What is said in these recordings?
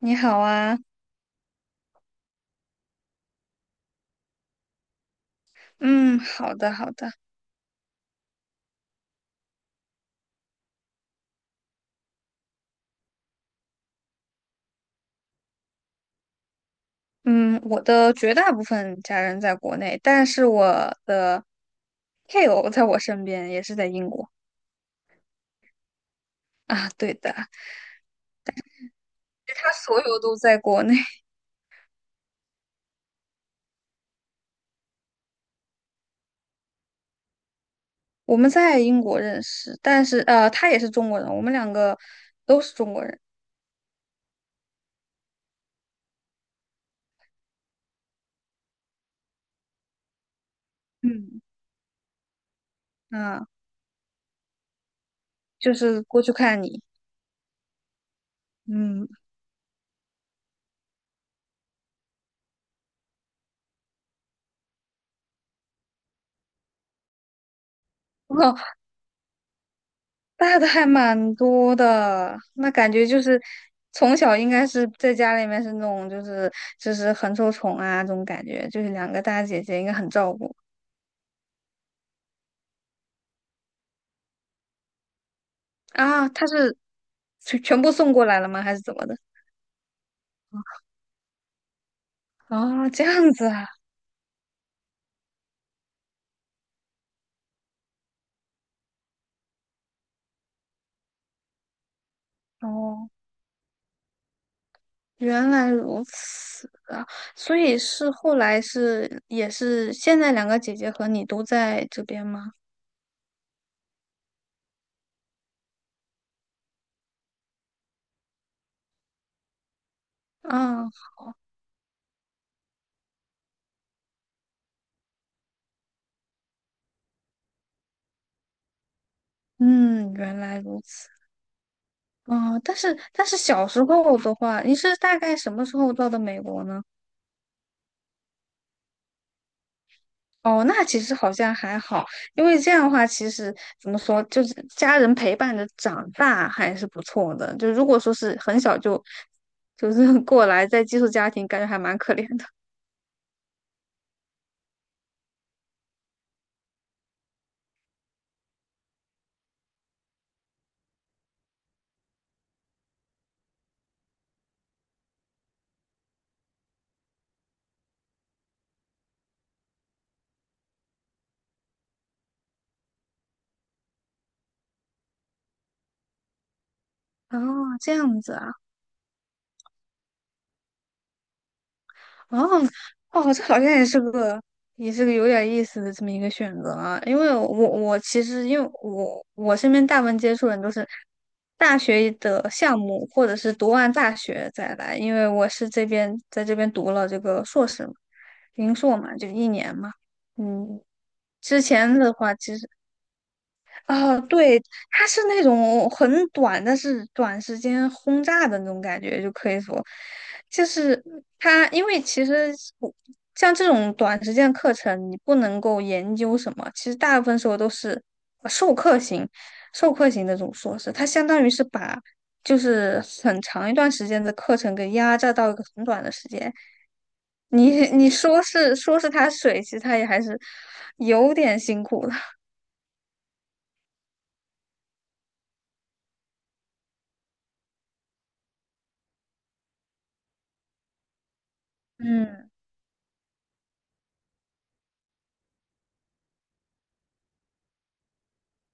你好啊。嗯，好的，好的。嗯，我的绝大部分家人在国内，但是我的配偶在我身边，也是在英国。啊，对的，他所有都在国内。我们在英国认识，但是他也是中国人，我们两个都是中国人。嗯，啊，就是过去看你。嗯，哦。大的还蛮多的，那感觉就是从小应该是在家里面是那种就是很受宠啊这种感觉，就是两个大姐姐应该很照顾啊。她是全部送过来了吗？还是怎么的？啊，这样子啊。哦，原来如此啊。所以是后来是也是现在两个姐姐和你都在这边吗？啊，嗯，原来如此。哦，但是小时候的话，你是大概什么时候到的美国呢？哦，那其实好像还好，因为这样的话，其实怎么说，就是家人陪伴着长大还是不错的。就如果说是很小就就是 过来在寄宿家庭，感觉还蛮可怜的。哦，这样子啊。哦哦，这好像也是个有点意思的这么一个选择啊，因为我其实因为我身边大部分接触人都是大学的项目，或者是读完大学再来，因为我是这边在这边读了这个硕士嘛，零硕嘛，就一年嘛。嗯，之前的话其实。啊，对，它是那种很短，但是短时间轰炸的那种感觉，就可以说，就是它，因为其实我像这种短时间课程，你不能够研究什么，其实大部分时候都是授课型，授课型的这种硕士，它相当于是把就是很长一段时间的课程给压榨到一个很短的时间，你说是它水，其实它也还是有点辛苦的。嗯。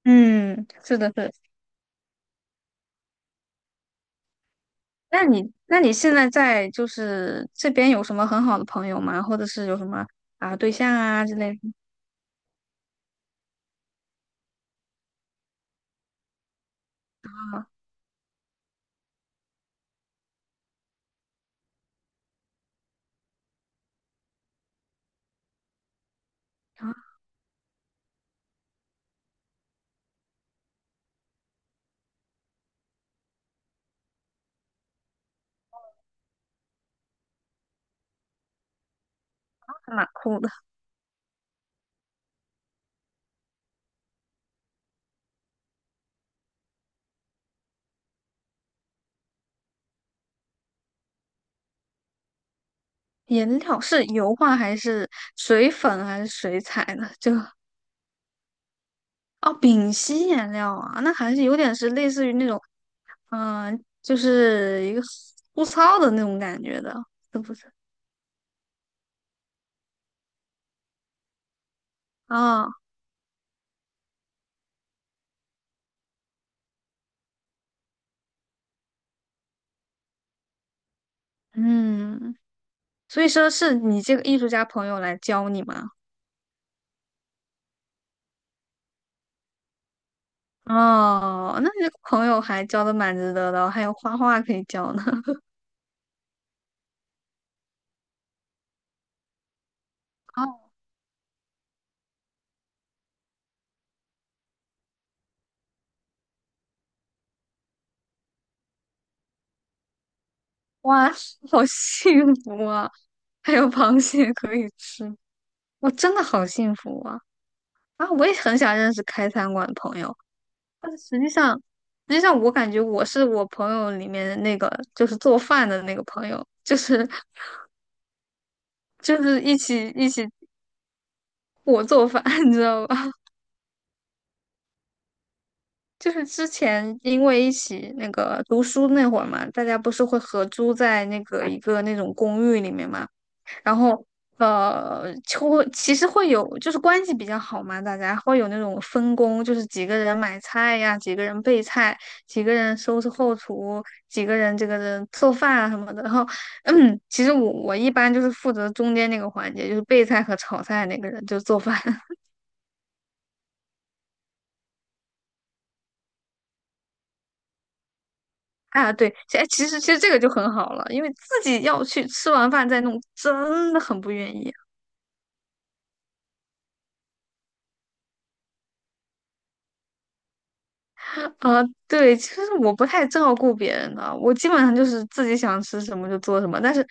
嗯，是的，是的。那你现在在就是这边有什么很好的朋友吗？或者是有什么啊对象啊之类的？啊，还蛮酷的。颜料是油画还是水粉还是水彩呢？就哦，丙烯颜料啊，那还是有点是类似于那种。嗯、就是一个粗糙的那种感觉的，是不是？啊、嗯，所以说是你这个艺术家朋友来教你吗？哦，那你这个朋友还交的蛮值得的哦还有画画可以交呢。啊，哇，好幸福啊！还有螃蟹可以吃，我真的好幸福啊！啊，我也很想认识开餐馆的朋友，但是实际上，实际上我感觉我是我朋友里面的那个就是做饭的那个朋友，就是就是一起我做饭，你知道吧？就是之前因为一起那个读书那会儿嘛，大家不是会合租在那个一个那种公寓里面嘛，然后就会其实会有就是关系比较好嘛，大家会有那种分工，就是几个人买菜呀，几个人备菜，几个人收拾后厨，几个人这个人做饭啊什么的。然后，嗯，其实我一般就是负责中间那个环节，就是备菜和炒菜那个人，就做饭。啊，对，其实其实这个就很好了，因为自己要去吃完饭再弄，真的很不愿意。啊，对，其实我不太照顾别人的，我基本上就是自己想吃什么就做什么，但是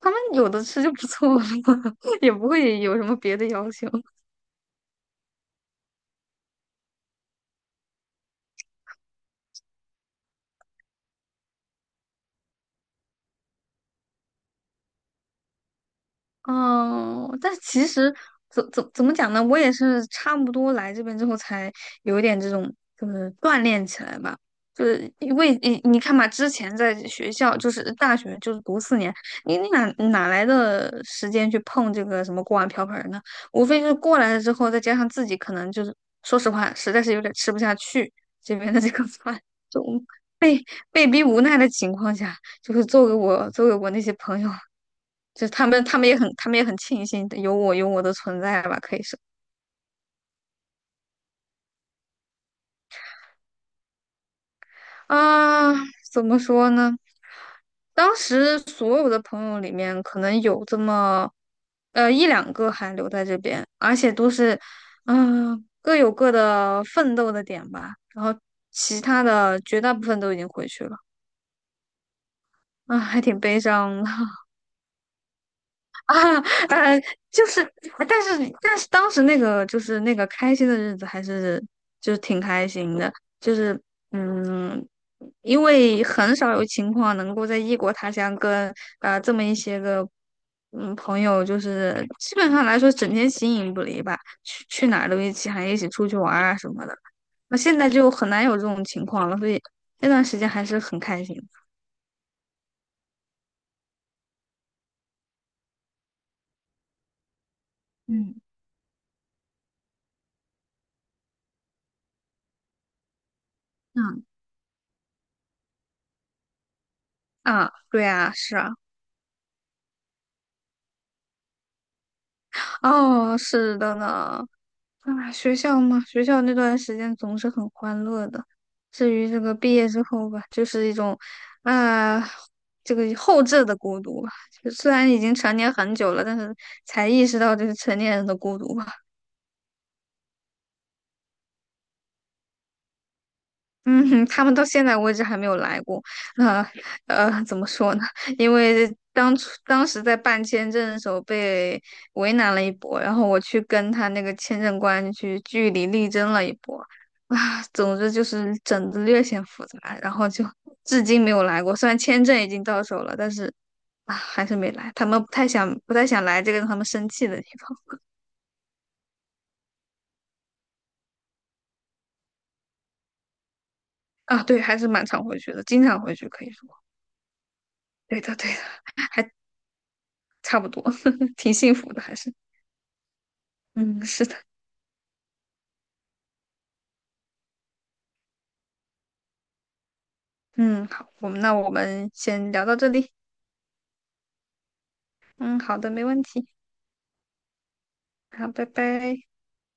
他们有的吃就不错了，也不会有什么别的要求。哦，但其实怎么讲呢？我也是差不多来这边之后才有一点这种，就是锻炼起来吧。就是因为你你看嘛，之前在学校就是大学就是读四年，你哪来的时间去碰这个什么锅碗瓢盆儿呢？无非就是过来了之后，再加上自己可能就是说实话，实在是有点吃不下去这边的这个 饭，就被逼无奈的情况下，就是做给我那些朋友就他们，他们也很庆幸有我，有我的存在吧，可以是啊，怎么说呢？当时所有的朋友里面，可能有这么一两个还留在这边，而且都是嗯、各有各的奋斗的点吧，然后其他的绝大部分都已经回去了。啊，还挺悲伤的。啊，呃，就是，但是但是当时那个就是那个开心的日子还是就是挺开心的。就是嗯，因为很少有情况能够在异国他乡跟啊这么一些个嗯朋友，就是基本上来说整天形影不离吧，去哪儿都一起，还一起出去玩儿啊什么的。那现在就很难有这种情况了，所以那段时间还是很开心的。嗯，嗯啊，对啊，是啊。哦，是的呢。啊，学校嘛，学校那段时间总是很欢乐的。至于这个毕业之后吧，就是一种，啊、这个后置的孤独吧。就虽然已经成年很久了，但是才意识到这是成年人的孤独吧。嗯哼，他们到现在为止还没有来过。那怎么说呢？因为当初当时在办签证的时候被为难了一波，然后我去跟他那个签证官去据理力争了一波。啊，总之就是整的略显复杂，然后就至今没有来过。虽然签证已经到手了，但是啊，还是没来。他们不太想来这个让他们生气的地方。 啊。对，还是蛮常回去的，经常回去可以说。对的，对的。还差不多。挺幸福的，还是。嗯，是的。嗯，好，我们先聊到这里。嗯，好的，没问题。好，拜拜。